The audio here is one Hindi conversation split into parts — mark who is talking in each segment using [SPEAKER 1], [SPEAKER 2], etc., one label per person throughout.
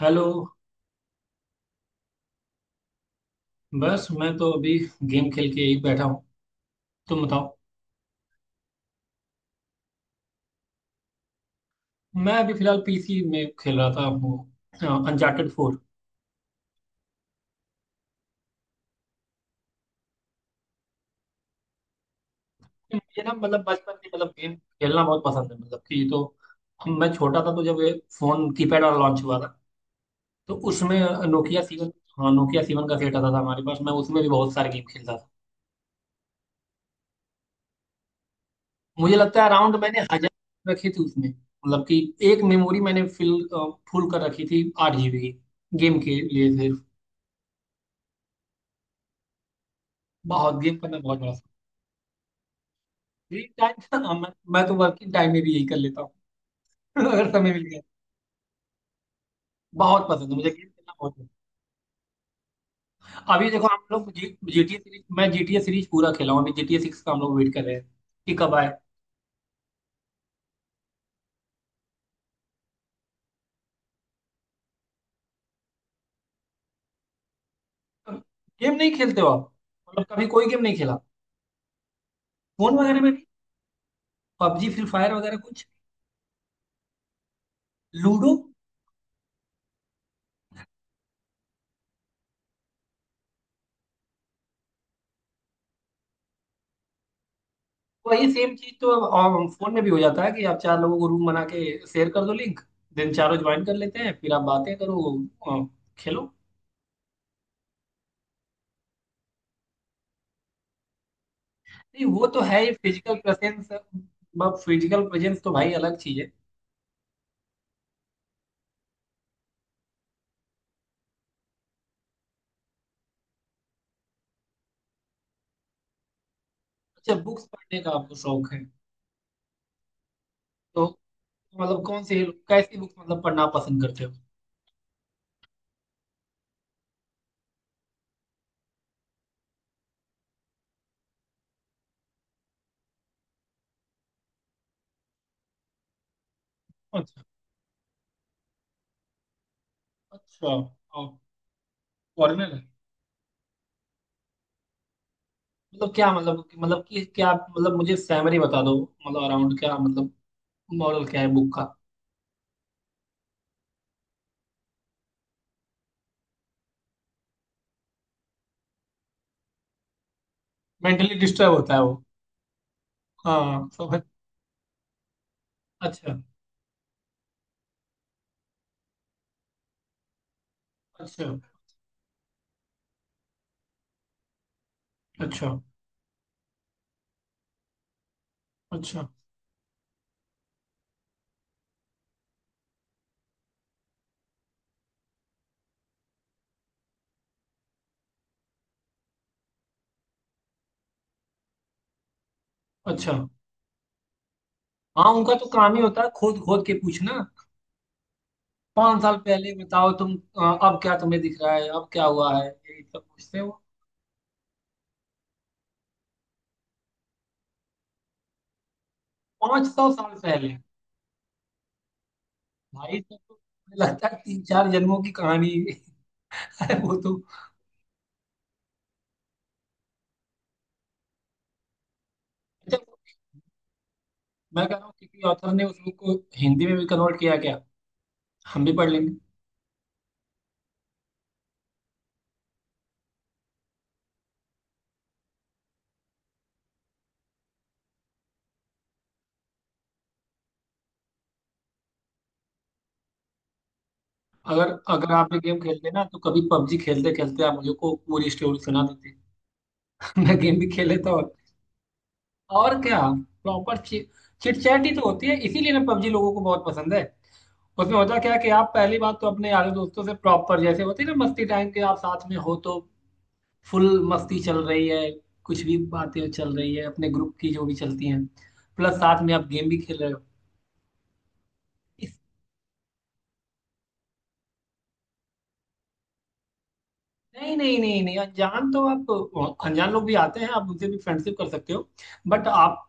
[SPEAKER 1] हेलो। बस मैं तो अभी गेम खेल के यही बैठा हूँ। तुम बताओ। मैं अभी फिलहाल पीसी में खेल रहा था, वो अनचार्टेड फोर। मुझे ना मतलब बचपन से, मतलब गेम खेलना बहुत पसंद है, मतलब कि तो मैं छोटा था तो जब ये फोन कीपैड वाला लॉन्च हुआ था, तो उसमें नोकिया सीवन। हाँ, नोकिया सीवन का सेट आता था हमारे पास, मैं उसमें भी बहुत सारे गेम खेलता था। मुझे लगता है अराउंड मैंने 1,000 रखे थे उसमें, मतलब कि एक मेमोरी मैंने फिल फुल कर रखी थी 8 GB की, गेम के लिए सिर्फ। बहुत गेम करना, बहुत बड़ा फ्री टाइम। मैं तो वर्किंग टाइम में भी यही कर लेता हूँ। अगर समय मिल गया। बहुत पसंद है मुझे गेम खेलना, बहुत पसंद है। अभी देखो हम लोग जी, GTA सीरीज, मैं GTA सीरीज पूरा खेला हूँ। अभी GTA सिक्स का हम लोग वेट कर रहे हैं कि कब आए। गेम नहीं खेलते हो आप? मतलब कभी कोई गेम नहीं खेला? फोन वगैरह में भी? पबजी फ्री फायर वगैरह कुछ? लूडो? वही सेम चीज तो अब फोन में भी हो जाता है कि आप चार लोगों को रूम बना के शेयर कर दो लिंक, देन चारों ज्वाइन कर लेते हैं, फिर आप बातें करो, अ, खेलो। नहीं, वो तो है ही फिजिकल प्रेजेंस, फिजिकल प्रेजेंस तो भाई अलग चीज है। अच्छा, बुक्स पढ़ने का आपको शौक है? तो मतलब कौन सी, कैसी बुक्स मतलब पढ़ना पसंद करते हो? अच्छा, अच्छा। और फॉरेनर है? मतलब क्या, मतलब मतलब कि क्या मतलब, मुझे सैमरी बता दो, मतलब अराउंड क्या मतलब, मॉडल क्या है बुक का? मेंटली डिस्टर्ब होता है वो? हाँ, समझ। अच्छा, अच्छा, अच्छा, अच्छा, अच्छा। हाँ, उनका तो काम ही होता है खोद खोद के पूछना। 5 साल पहले बताओ तुम, अब क्या तुम्हें दिख रहा है, अब क्या हुआ है, ये सब पूछते हो। 500 साल पहले? भाई साहब, तो मुझे लगता है तीन चार जन्मों की कहानी है वो तो। अच्छा, मैं कह रहा हूँ किसी ऑथर ने उस बुक को हिंदी में भी कन्वर्ट किया क्या? हम भी पढ़ लेंगे। अगर अगर आप ये गेम खेलते ना, तो कभी पबजी खेलते खेलते आप मुझे को पूरी स्टोरी सुना देते। मैं गेम भी खेल लेता और क्या, प्रॉपर चिट चैट ही तो होती है, इसीलिए ना पबजी लोगों को बहुत पसंद है। उसमें होता क्या है कि आप पहली बात तो अपने यारों दोस्तों से प्रॉपर, जैसे होती है ना मस्ती, टाइम के आप साथ में हो तो फुल मस्ती चल रही है, कुछ भी बातें चल रही है अपने ग्रुप की जो भी चलती हैं, प्लस साथ में आप गेम भी खेल रहे हो। इस नहीं नहीं नहीं नहीं, अनजान तो आप, अनजान लोग भी आते हैं, आप उनसे भी फ्रेंडशिप कर सकते हो। बट आप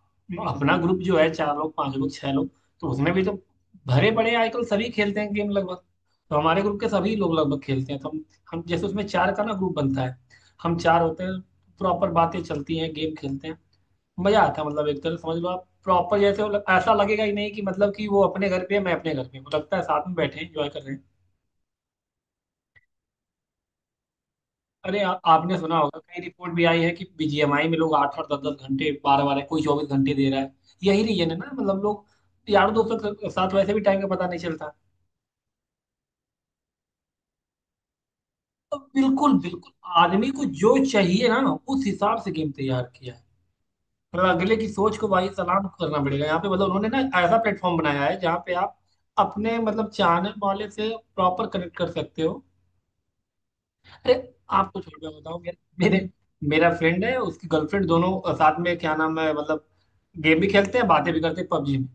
[SPEAKER 1] अपना ग्रुप जो है, चार लोग पांच लोग छह लोग, तो उसमें भी तो भरे पड़े हैं, आजकल सभी खेलते हैं गेम लगभग। तो हमारे ग्रुप के सभी लोग लगभग खेलते हैं, तो हम जैसे उसमें चार का ना ग्रुप बनता है, हम चार होते हैं। प्रॉपर बातें चलती हैं, गेम खेलते हैं, मजा आता है। मतलब एक तरह से समझ लो आप, प्रॉपर जैसे वो ऐसा लगेगा ही नहीं कि मतलब कि वो अपने घर पे है, मैं अपने घर पे हूँ। लगता है साथ में बैठे हैं, एंजॉय कर रहे हैं। अरे आपने सुना होगा, कई रिपोर्ट भी आई है कि बीजीएमआई में लोग आठ आठ दस दस घंटे, बारह बारह, कोई 24 घंटे दे रहा है। यही रीजन है ना, मतलब लोग, यार दोस्तों के साथ वैसे भी टाइम का पता नहीं चलता। तो बिल्कुल बिल्कुल। आदमी को जो चाहिए ना, उस हिसाब से गेम तैयार किया है। मतलब अगले की सोच को भाई सलाम करना पड़ेगा यहाँ पे, मतलब उन्होंने ना ऐसा प्लेटफॉर्म बनाया है जहाँ पे आप अपने मतलब चाहने वाले से प्रॉपर कनेक्ट कर सकते हो। अरे, आपको छोड़ मैं बताऊं, मेरे मेरे- मेरा फ्रेंड है, उसकी गर्लफ्रेंड, दोनों साथ में, क्या नाम है मतलब, गेम भी खेलते हैं बातें भी करते हैं पबजी में।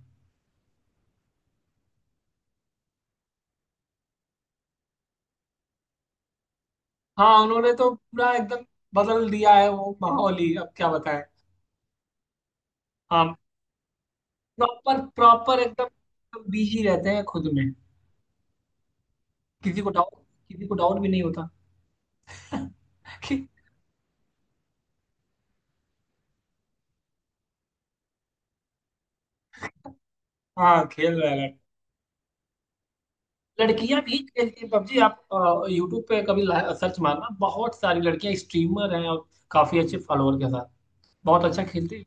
[SPEAKER 1] हाँ उन्होंने तो पूरा एकदम बदल दिया है वो माहौल ही, अब क्या बताएं। हाँ, प्रॉपर प्रॉपर एकदम बिजी रहते हैं खुद में। किसी को डाउट किसी को डाउट भी नहीं होता। कि हाँ, खेल रहा है। लड़कियां भी खेलती हैं पबजी। आप यूट्यूब पे कभी सर्च मारना, बहुत सारी लड़कियां स्ट्रीमर हैं, और काफी अच्छे फॉलोअर के साथ बहुत अच्छा खेलती।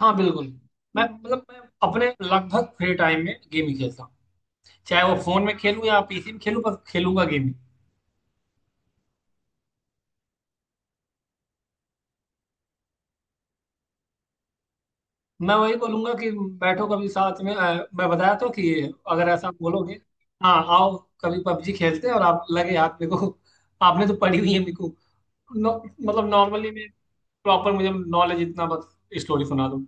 [SPEAKER 1] हाँ बिल्कुल। मैं मतलब मैं अपने लगभग फ्री टाइम में गेम ही खेलता हूँ, चाहे वो फोन में खेलूँ या पीसी में खेलूँ, बस खेलूंगा गेम ही। मैं वही बोलूंगा कि बैठो कभी साथ में, मैं बताया तो कि, अगर ऐसा बोलोगे, हाँ आओ कभी पबजी खेलते हैं, और आप लगे हाथ मेरे को, आपने तो पढ़ी हुई है, मेरे को नो- मतलब नॉर्मली मैं प्रॉपर, मुझे नॉलेज इतना, बस स्टोरी सुना दो।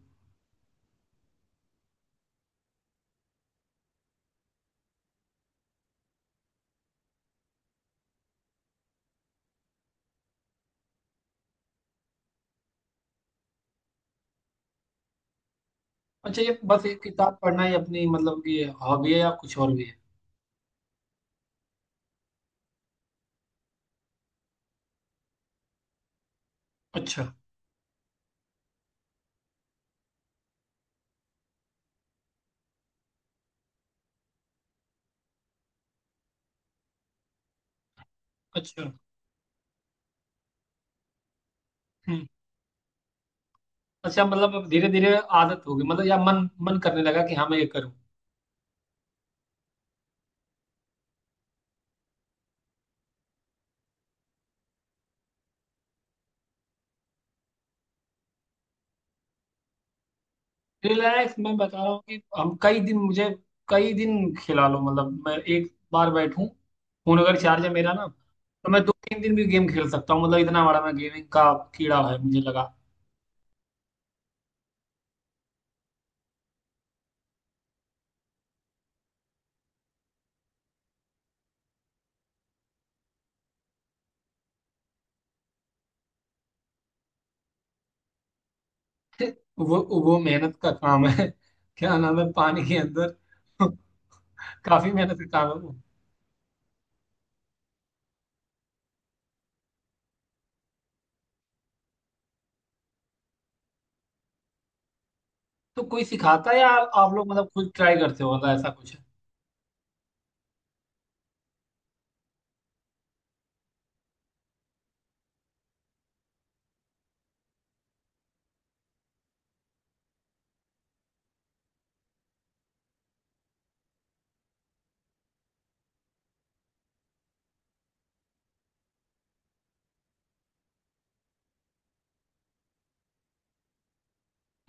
[SPEAKER 1] अच्छा, ये बस एक किताब पढ़ना ही अपनी मतलब कि हॉबी है, या कुछ और भी है? अच्छा, अच्छा। हम्म। अच्छा, मतलब धीरे धीरे आदत होगी, मतलब या मन मन करने लगा कि हाँ मैं ये करूँ। रिलैक्स, मैं बता रहा हूँ कि हम कई दिन मुझे, कई दिन खिला लो मतलब, मैं एक बार बैठूं, फोन अगर चार्ज है मेरा ना, तो मैं दो तीन दिन भी गेम खेल सकता हूँ। मतलब इतना बड़ा मैं गेमिंग का कीड़ा है, मुझे लगा। वो वो मेहनत का काम है। क्या नाम है, पानी के अंदर? काफी मेहनत का काम है वो। तो कोई सिखाता है या आप लोग मतलब खुद ट्राई करते हो, मतलब ऐसा कुछ है?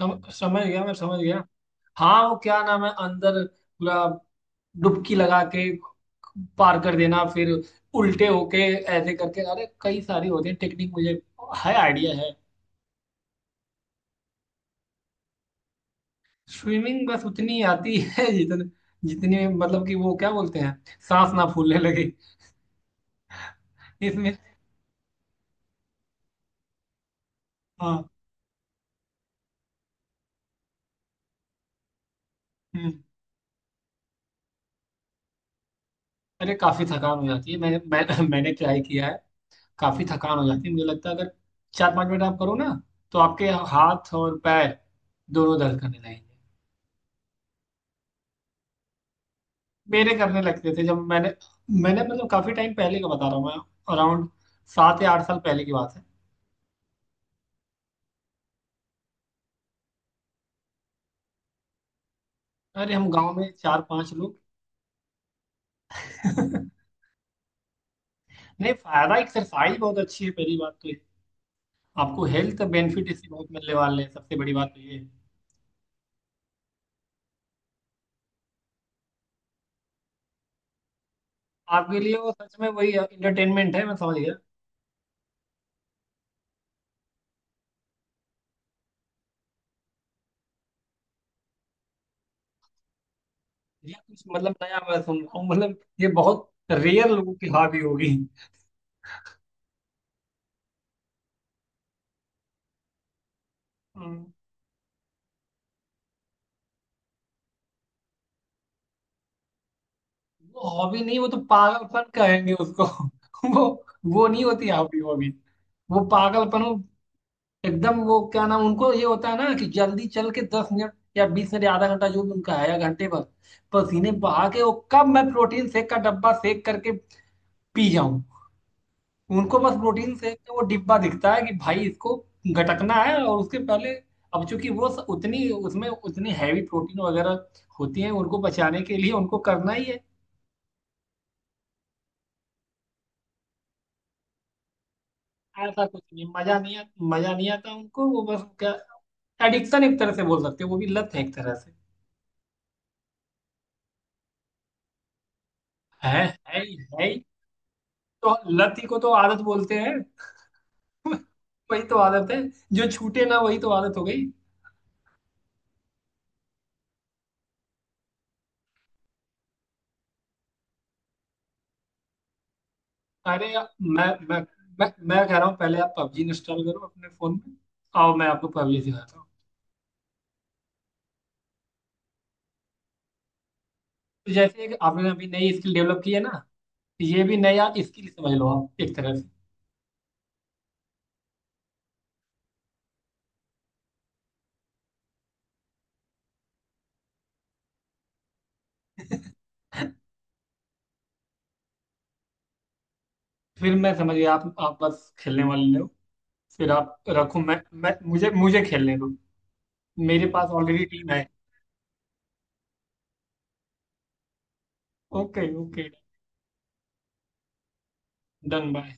[SPEAKER 1] समझ गया, मैं समझ गया। हाँ, वो क्या नाम है, अंदर पूरा डुबकी लगा के पार कर देना, फिर उल्टे होके ऐसे करके, अरे कई सारी होती है टेक्निक, मुझे है आइडिया है। स्विमिंग बस उतनी आती है जितने, जितनी मतलब कि, वो क्या बोलते हैं, सांस ना फूलने लगे इसमें। हाँ। हम्म। अरे काफी थकान हो जाती है। मैंने ट्राई किया है, काफी थकान हो जाती है। मुझे लगता है अगर चार पांच मिनट आप करो ना, तो आपके हाथ और पैर दोनों दर्द करने लगेंगे। मेरे करने लगते थे जब मैंने, मैंने मतलब काफी टाइम पहले का बता रहा हूँ मैं, अराउंड 7 या 8 साल पहले की बात है। अरे हम गांव में चार पांच लोग। नहीं, फायदा, एक्सरसाइज बहुत अच्छी है पहली बात तो ये। आपको हेल्थ बेनिफिट इससे बहुत मिलने वाले हैं, सबसे बड़ी बात तो ये है। आपके लिए वो सच में वही इंटरटेनमेंट है, मैं समझ गया। ये कुछ मतलब नया मैं सुन रहा हूँ, मतलब ये बहुत रेयर लोगों की हॉबी होगी। हम्म। वो हॉबी नहीं, वो तो पागलपन कहेंगे उसको। वो वो नहीं होती हॉबी, हॉबी वो पागलपन, वो एकदम वो क्या नाम, उनको ये होता है ना कि जल्दी चल के 10 मिनट या 20 मिनट या आधा घंटा जो भी उनका है या घंटे भर पसीने बहा के, वो कब मैं प्रोटीन शेक का डब्बा शेक करके पी जाऊं। उनको बस प्रोटीन शेक का वो डिब्बा दिखता है कि भाई इसको घटकना है, और उसके पहले, अब चूंकि वो उतनी उसमें उतनी हैवी प्रोटीन वगैरह होती है, उनको बचाने के लिए उनको करना ही है। ऐसा कुछ नहीं, मजा नहीं मजा नहीं आता उनको, वो बस क्या, एडिक्शन एक तरह से बोल सकते हैं, वो भी लत है एक तरह से। है। है। है। तो लत ही को तो आदत बोलते हैं। वही तो आदत है, जो छूटे ना वही तो आदत हो गई। अरे मैं, मैं कह रहा हूँ पहले आप पबजी इंस्टॉल करो अपने फोन में, आओ मैं आपको पबजी सिखाता हूँ। तो जैसे एक आपने अभी नई स्किल डेवलप की है ना, ये भी नया स्किल समझ लो आप एक तरह से। फिर मैं समझ गया, आप बस खेलने वाले हो, फिर आप रखो, मैं मुझे मुझे खेलने दो। मेरे पास ऑलरेडी टीम है। Okay, okay. Done, bye.